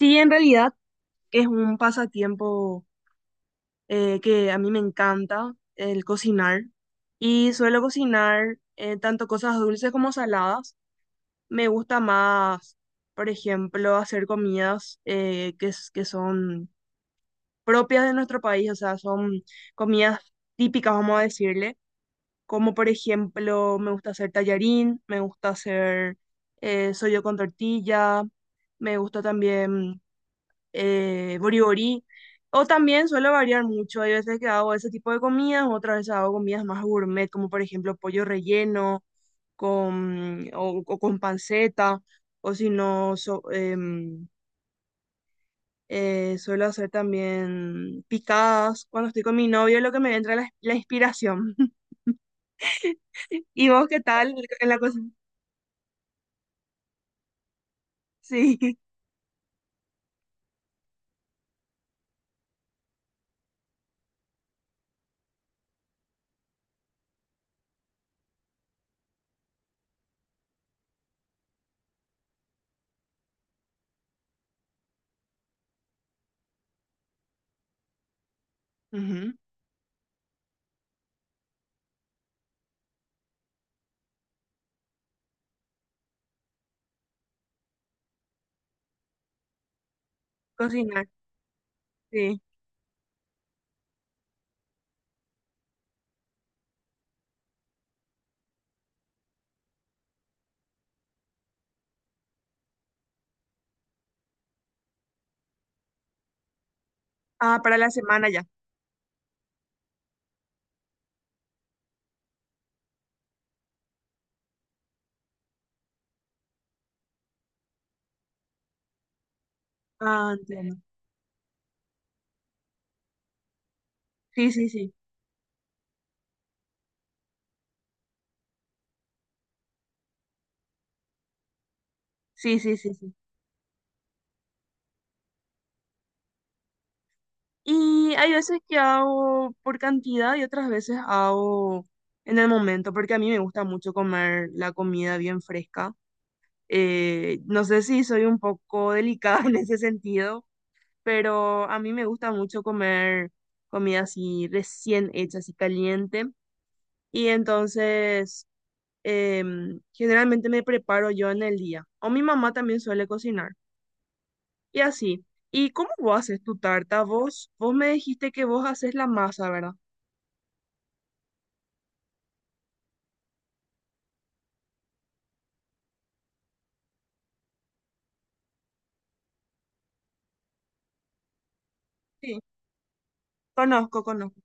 Sí, en realidad es un pasatiempo que a mí me encanta, el cocinar. Y suelo cocinar tanto cosas dulces como saladas. Me gusta más, por ejemplo, hacer comidas que son propias de nuestro país, o sea, son comidas típicas, vamos a decirle. Como por ejemplo, me gusta hacer tallarín, me gusta hacer sollo con tortilla, me gusta también boriborí. O también suelo variar mucho. Hay veces que hago ese tipo de comidas, otras veces hago comidas más gourmet, como por ejemplo pollo relleno con, o con panceta, o si no, suelo hacer también picadas. Cuando estoy con mi novio, lo que me entra la inspiración. ¿Y vos qué tal en la cocina? Sí, ujú, cocinar, sí. Ah, para la semana ya. Ah, entiendo. Sí, sí, sí. Sí, sí, sí, sí. Y hay veces que hago por cantidad y otras veces hago en el momento, porque a mí me gusta mucho comer la comida bien fresca. No sé si soy un poco delicada en ese sentido, pero a mí me gusta mucho comer comida así recién hecha, así caliente. Y entonces generalmente me preparo yo en el día. O mi mamá también suele cocinar. Y así. ¿Y cómo vos haces tu tarta? Vos me dijiste que vos haces la masa, ¿verdad? Sí, conozco.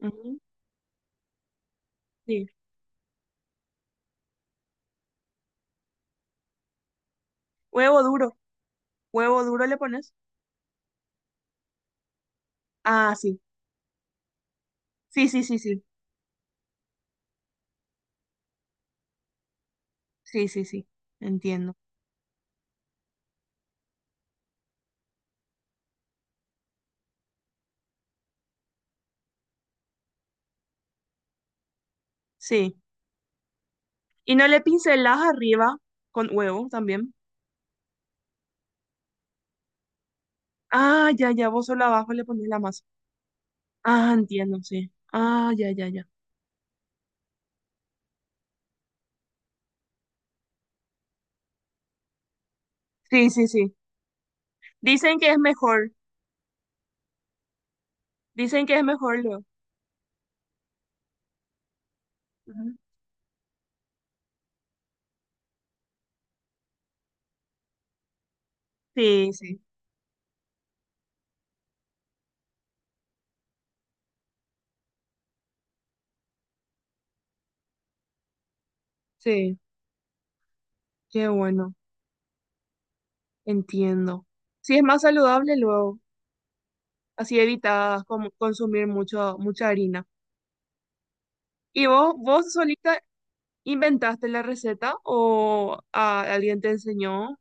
Ujú, sí. Huevo duro, huevo duro le pones. Ah, sí. Sí, sí, sí, sí. Sí, sí, sí. Entiendo. Sí. Y no le pincelas arriba con huevo también. Ah, ya, ya. Vos solo abajo le pones la masa. Ah, entiendo, sí. Ah, ya, ya, ya. Sí, sí, sí. Dicen que es mejor. Dicen que es mejor luego. Ujú. Sí, sí. Sí. Qué bueno. Entiendo. Sí, es más saludable luego. Así evitas como consumir mucho, mucha harina. ¿Y vos solita inventaste la receta o alguien te enseñó?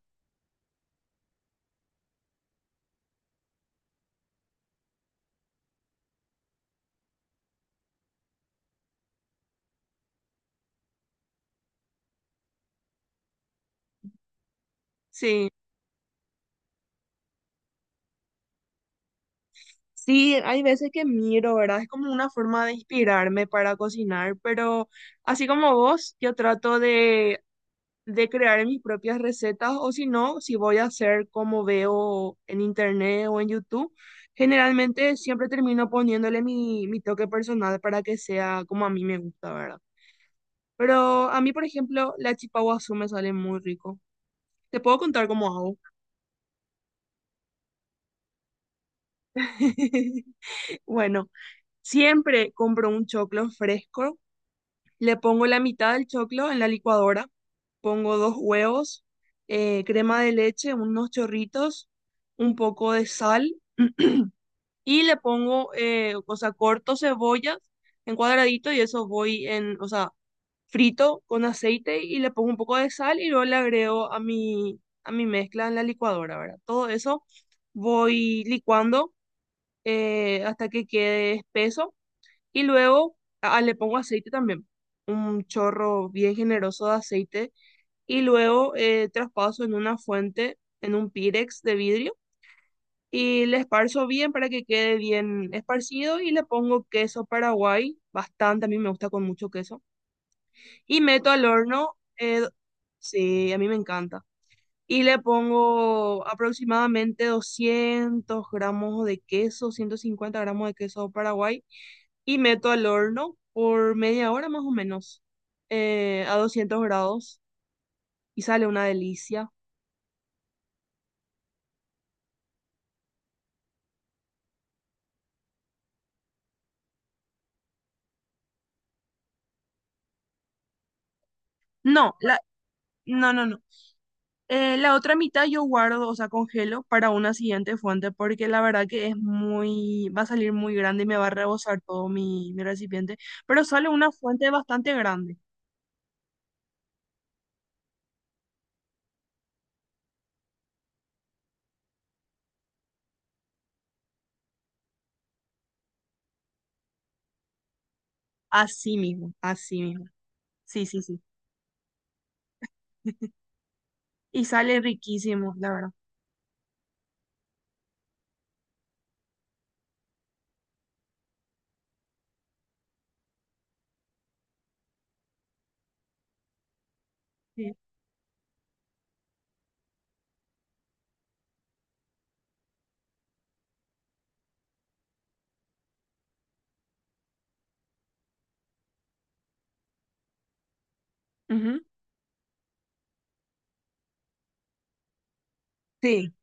Sí. Sí, hay veces que miro, ¿verdad? Es como una forma de inspirarme para cocinar, pero así como vos, yo trato de crear mis propias recetas o si no, si voy a hacer como veo en internet o en YouTube, generalmente siempre termino poniéndole mi toque personal para que sea como a mí me gusta, ¿verdad? Pero a mí, por ejemplo, la chipa guazú me sale muy rico. Te puedo contar cómo hago. Bueno, siempre compro un choclo fresco, le pongo la mitad del choclo en la licuadora, pongo dos huevos, crema de leche, unos chorritos, un poco de sal y le pongo, o sea, corto cebollas en cuadradito y eso voy en, o sea, frito con aceite y le pongo un poco de sal y luego le agrego a a mi mezcla en la licuadora, ¿verdad? Todo eso voy licuando hasta que quede espeso y luego ah, le pongo aceite también, un chorro bien generoso de aceite y luego traspaso en una fuente, en un pirex de vidrio y le esparzo bien para que quede bien esparcido y le pongo queso paraguay, bastante, a mí me gusta con mucho queso y meto al horno, sí, a mí me encanta. Y le pongo aproximadamente 200 gramos de queso, 150 gramos de queso paraguay y meto al horno por media hora más o menos, a 200 grados y sale una delicia. No, no, no, no. La otra mitad yo guardo, o sea, congelo para una siguiente fuente porque la verdad que es muy, va a salir muy grande y me va a rebosar todo mi recipiente, pero sale una fuente bastante grande. Así mismo, así mismo. Sí, sí, sí. Y sale riquísimo, la verdad. Sí. Ujú. Sí.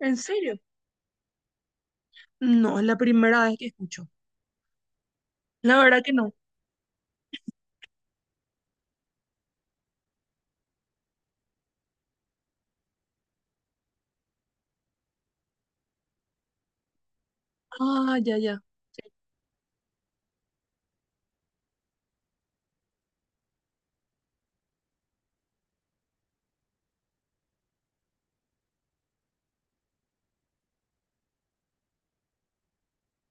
¿En serio? No, es la primera vez que escucho. La verdad que no. Ah, ya, ya.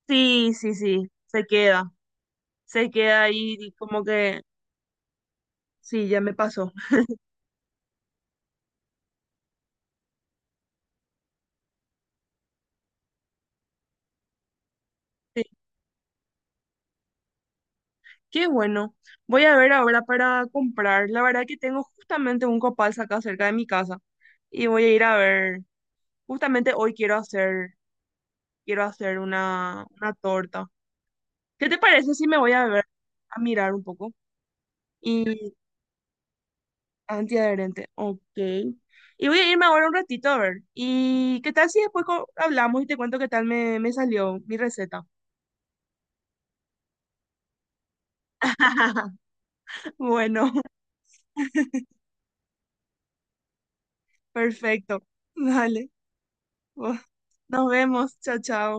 Sí, sí, sí, se queda ahí y como que sí, ya me pasó. Sí, qué bueno. Voy a ver ahora para comprar. La verdad que tengo justamente un copal acá cerca de mi casa y voy a ir a ver. Justamente hoy quiero hacer una torta. ¿Qué te parece si me voy a ver a mirar un poco? Y antiadherente, ok. Y voy a irme ahora un ratito a ver. ¿Y qué tal si después hablamos y te cuento qué tal me salió mi receta? Bueno, perfecto. Dale. Buah. Nos vemos. Chao, chao.